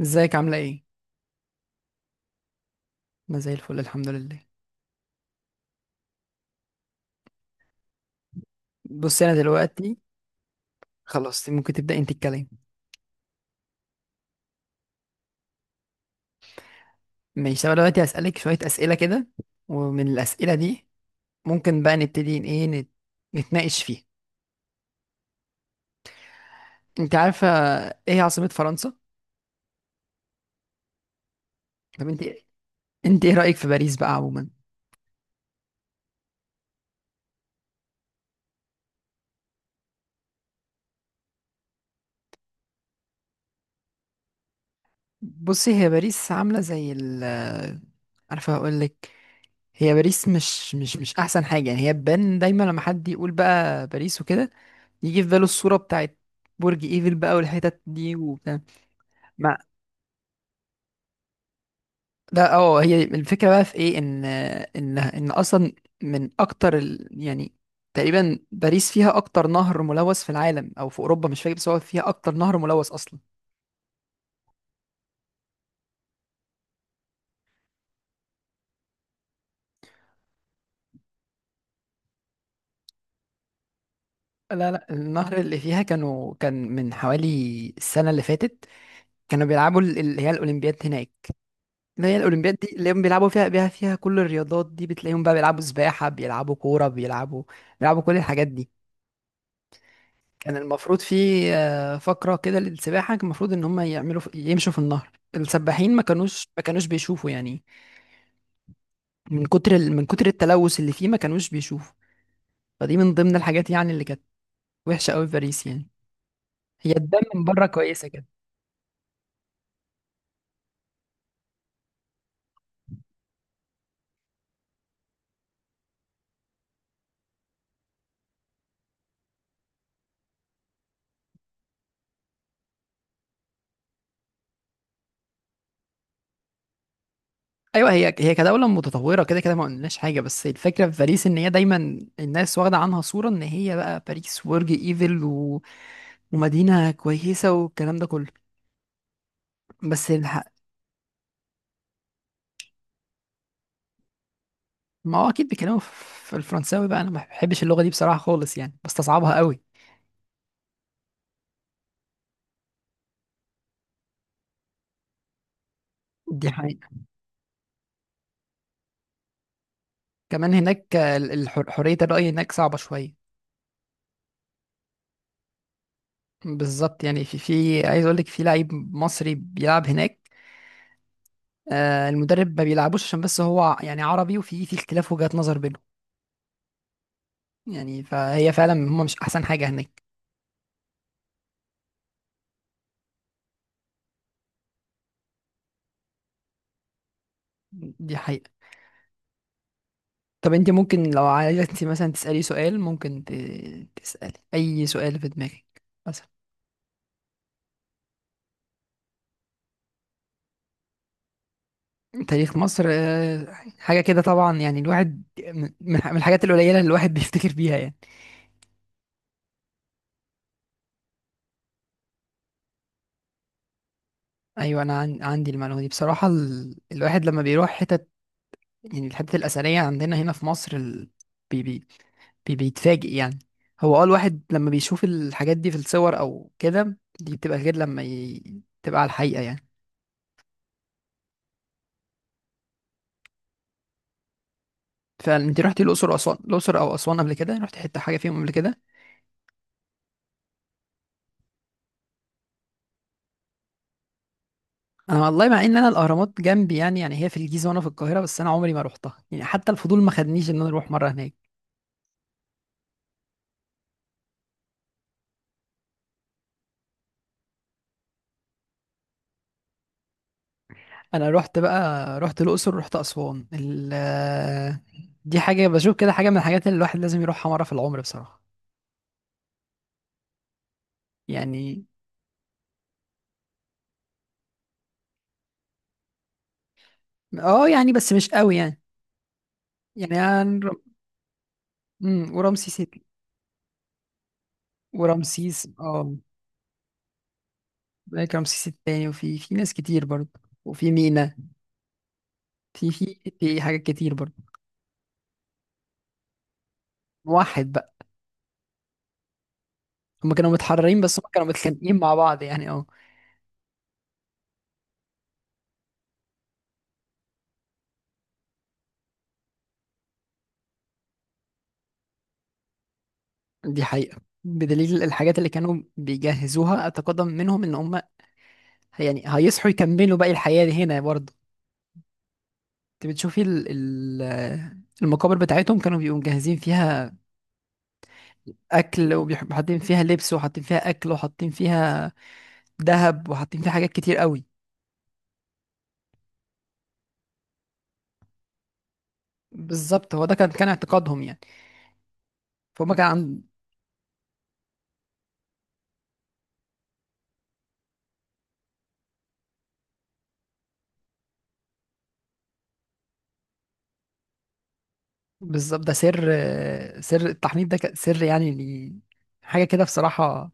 ازيك عاملة ايه؟ انا زي الفل الحمد لله. بص انا دلوقتي، خلاص ممكن تبدأ انت الكلام. ماشي، انا دلوقتي هسألك شوية اسئلة كده، ومن الاسئلة دي ممكن بقى نبتدي ان ايه نتناقش فيها. انت عارفة ايه عاصمة فرنسا؟ طب انت، انت ايه رأيك في باريس بقى عموما؟ بصي، هي باريس عاملة زي ال... عارفة هقولك، هي باريس مش احسن حاجة، يعني هي بان دايما لما حد يقول بقى باريس وكده، يجي في باله الصورة بتاعت برج ايفل بقى والحتت دي وبتاع. ما، لا اه هي الفكره بقى في ايه، ان ان اصلا من اكتر ال... يعني تقريبا باريس فيها اكتر نهر ملوث في العالم او في اوروبا مش فاكر، بس هو فيها اكتر نهر ملوث اصلا. لا لا، النهر اللي فيها كان من حوالي السنه اللي فاتت كانوا بيلعبوا اللي هي الاولمبياد هناك، اللي هي الاولمبياد دي اللي هم بيلعبوا فيها، بيها فيها كل الرياضات دي، بتلاقيهم بقى بيلعبوا سباحه، بيلعبوا كوره، بيلعبوا بيلعبوا كل الحاجات دي. كان المفروض في فقرة كده للسباحة، كان المفروض ان هم يعملوا يمشوا في النهر. السباحين ما كانوش بيشوفوا، يعني من كتر من كتر التلوث اللي فيه ما كانوش بيشوفوا. فدي من ضمن الحاجات يعني اللي كانت وحشة قوي في باريس يعني. هي الدم من بره كويسة كده. ايوه، هي كدولة متطورة كده كده ما قلناش حاجة، بس الفكرة في باريس ان هي دايما الناس واخدة عنها صورة ان هي بقى باريس، برج ايفل و... ومدينة كويسة والكلام ده كله. بس الح... ما هو اكيد بيكلموا في الفرنساوي بقى، انا ما بحبش اللغه دي بصراحه خالص، يعني بستصعبها قوي. دي حقيقه. كمان هناك حريه الراي هناك صعبه شويه. بالظبط، يعني في عايز اقول لك في لعيب مصري بيلعب هناك، المدرب ما بيلعبوش عشان بس هو يعني عربي، وفي اختلاف وجهات نظر بينهم، يعني فهي فعلا هم مش احسن حاجه هناك. دي حقيقه. طب انت ممكن لو عايزه انت مثلا تسالي سؤال، ممكن تسالي اي سؤال في دماغك بس. تاريخ مصر حاجة كده طبعا، يعني الواحد من الحاجات القليلة اللي الواحد بيفتكر بيها يعني. أيوة أنا عندي المعلومة دي بصراحة، ال... الواحد لما بيروح حتت، يعني الحتت الأثرية عندنا هنا في مصر، ال... بي... بي... بيتفاجئ يعني. هو الواحد لما بيشوف الحاجات دي في الصور أو كده، دي بتبقى غير لما ي... تبقى على الحقيقة يعني. فأنت رحتي الأقصر وأسوان، الأقصر أو أسوان قبل كده رحتي حتة حاجة فيهم قبل كده؟ انا والله مع ان انا الاهرامات جنبي، يعني هي في الجيزه وانا في القاهره، بس انا عمري ما روحتها، يعني حتى الفضول ما خدنيش ان انا اروح مره هناك. انا رحت بقى، رحت الاقصر، رحت اسوان، ال... دي حاجه بشوف كده، حاجه من الحاجات اللي الواحد لازم يروحها مره في العمر بصراحه. يعني اه يعني بس مش قوي يعني. يعني ورمسيس ورمسيس هناك، رمسيس التاني، وفي ناس كتير برضه، وفي مينا، في حاجات كتير برضه. واحد بقى. هما كانوا متحررين، بس هما كانوا متخانقين مع بعض يعني، اه. دي حقيقة، بدليل الحاجات اللي كانوا بيجهزوها أتقدم منهم، إن هم يعني هيصحوا يكملوا باقي الحياة دي هنا برضه. أنت بتشوفي المقابر بتاعتهم كانوا بيبقوا مجهزين فيها أكل، وحاطين فيها لبس، وحاطين فيها أكل، وحاطين فيها ذهب، وحاطين فيها حاجات كتير قوي. بالظبط، هو ده كان اعتقادهم يعني. فهم كان عن، بالظبط، ده سر، سر التحنيط ده كان سر يعني، ل... حاجة كده بصراحة،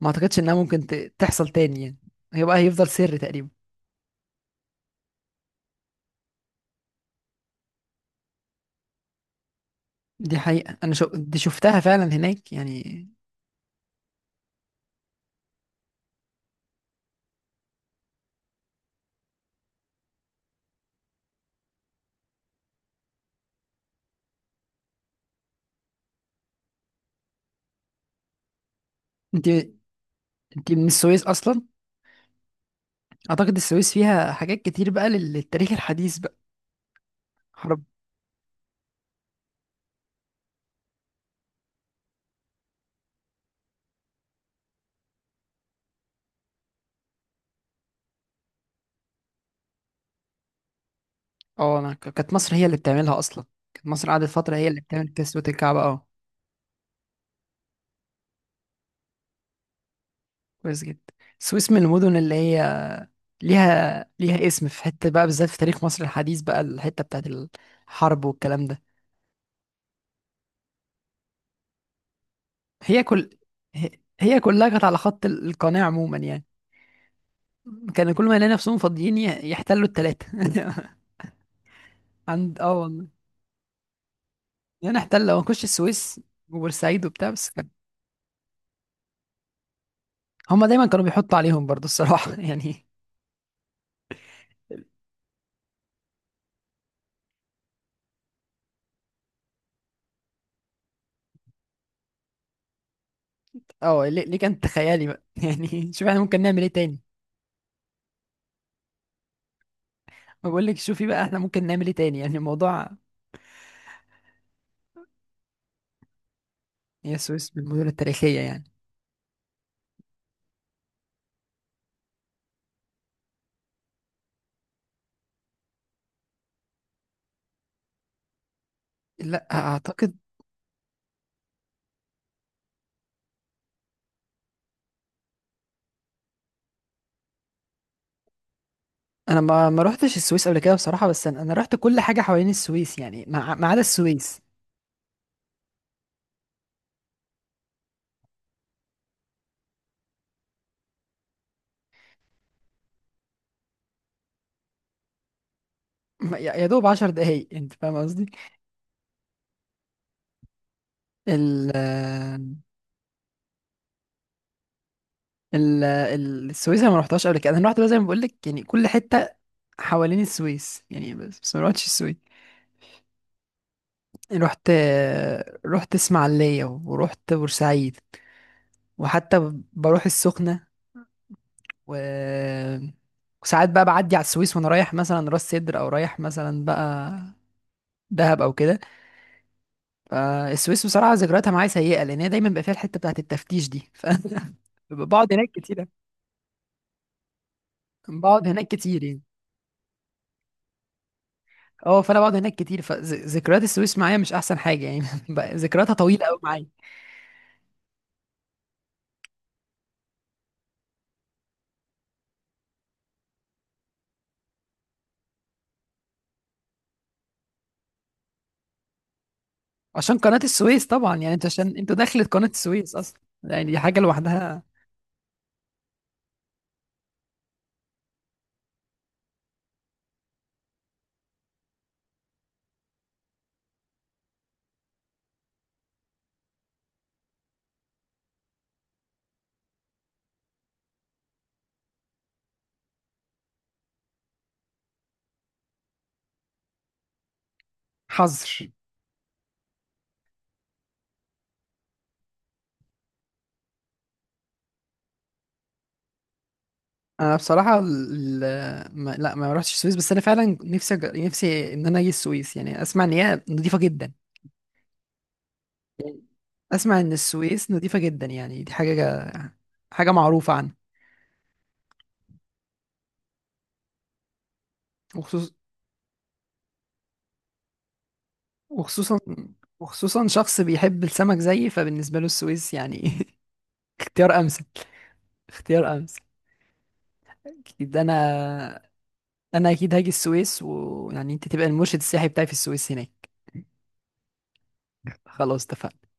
ما أعتقدش إنها ممكن تحصل تاني يعني. هيبقى، هيفضل سر تقريبا. دي حقيقة، أنا شو... دي شفتها فعلا هناك يعني. أنت أنت من السويس أصلا. أعتقد السويس فيها حاجات كتير بقى للتاريخ الحديث بقى، حرب. أه، أنا كانت مصر هي اللي بتعملها أصلا، كانت مصر قعدت فترة هي اللي بتعمل كسوة الكعبة، أه. كويس جدا. السويس من المدن اللي هي ليها اسم في حتة بقى، بالذات في تاريخ مصر الحديث بقى، الحتة بتاعت الحرب والكلام ده. هي كل هي هي كلها كانت على خط القناة عموما يعني. كانوا كل ما يلاقي نفسهم فاضيين يحتلوا التلاتة عند، اه والله، يعني احتل ونخش السويس وبورسعيد وبتاع، بس كان هما دايما كانوا بيحطوا عليهم برضو الصراحة يعني. اه، ليه كانت خيالي بقى يعني شوف احنا ممكن نعمل ايه تاني. ما بقول لك شوفي بقى، احنا ممكن نعمل ايه تاني، يعني الموضوع. هي السويس بالمدن التاريخية يعني. لا اعتقد. انا ما رحتش السويس قبل كده بصراحة، بس انا رحت كل حاجة حوالين السويس، يعني ما عدا السويس. يا دوب 10 دقايق، انت فاهم قصدي. ال، السويس انا ما رحتهاش قبل كده، انا رحت بقى زي ما بقول لك يعني كل حته حوالين السويس يعني، بس ما رحتش السويس. رحت، رحت اسماعيليه ورحت بورسعيد، وحتى بروح السخنه، و... وساعات بقى بعدي على السويس وانا رايح مثلا راس سدر، او رايح مثلا بقى دهب او كده. فالسويس بصراحه ذكرياتها معايا سيئه، لان هي دايما بقى فيها الحته بتاعت التفتيش دي ف بقعد هناك كتير، بقعد هناك كتير يعني اه، فانا بقعد هناك كتير، فذكريات السويس معايا مش احسن حاجه يعني بقى ذكرياتها طويله قوي معايا. عشان قناه السويس طبعا، يعني انت عشان انت دخلت قناه السويس اصلا، يعني دي حاجه لوحدها. حظر. انا بصراحه، ال... ال- ما... لا ما رحتش السويس، بس انا فعلا نفسي أج... نفسي ان انا اجي السويس، يعني اسمع ان هي نظيفه جدا، اسمع ان السويس نظيفه جدا، يعني دي حاجه حاجه معروفه عنها. وخصوص... وخصوصا، وخصوصا شخص بيحب السمك زيي، فبالنسبه له السويس يعني اختيار امثل، اختيار امثل. اكيد انا، انا اكيد هاجي السويس، ويعني انت تبقى المرشد السياحي بتاعي في السويس هناك. خلاص اتفقنا.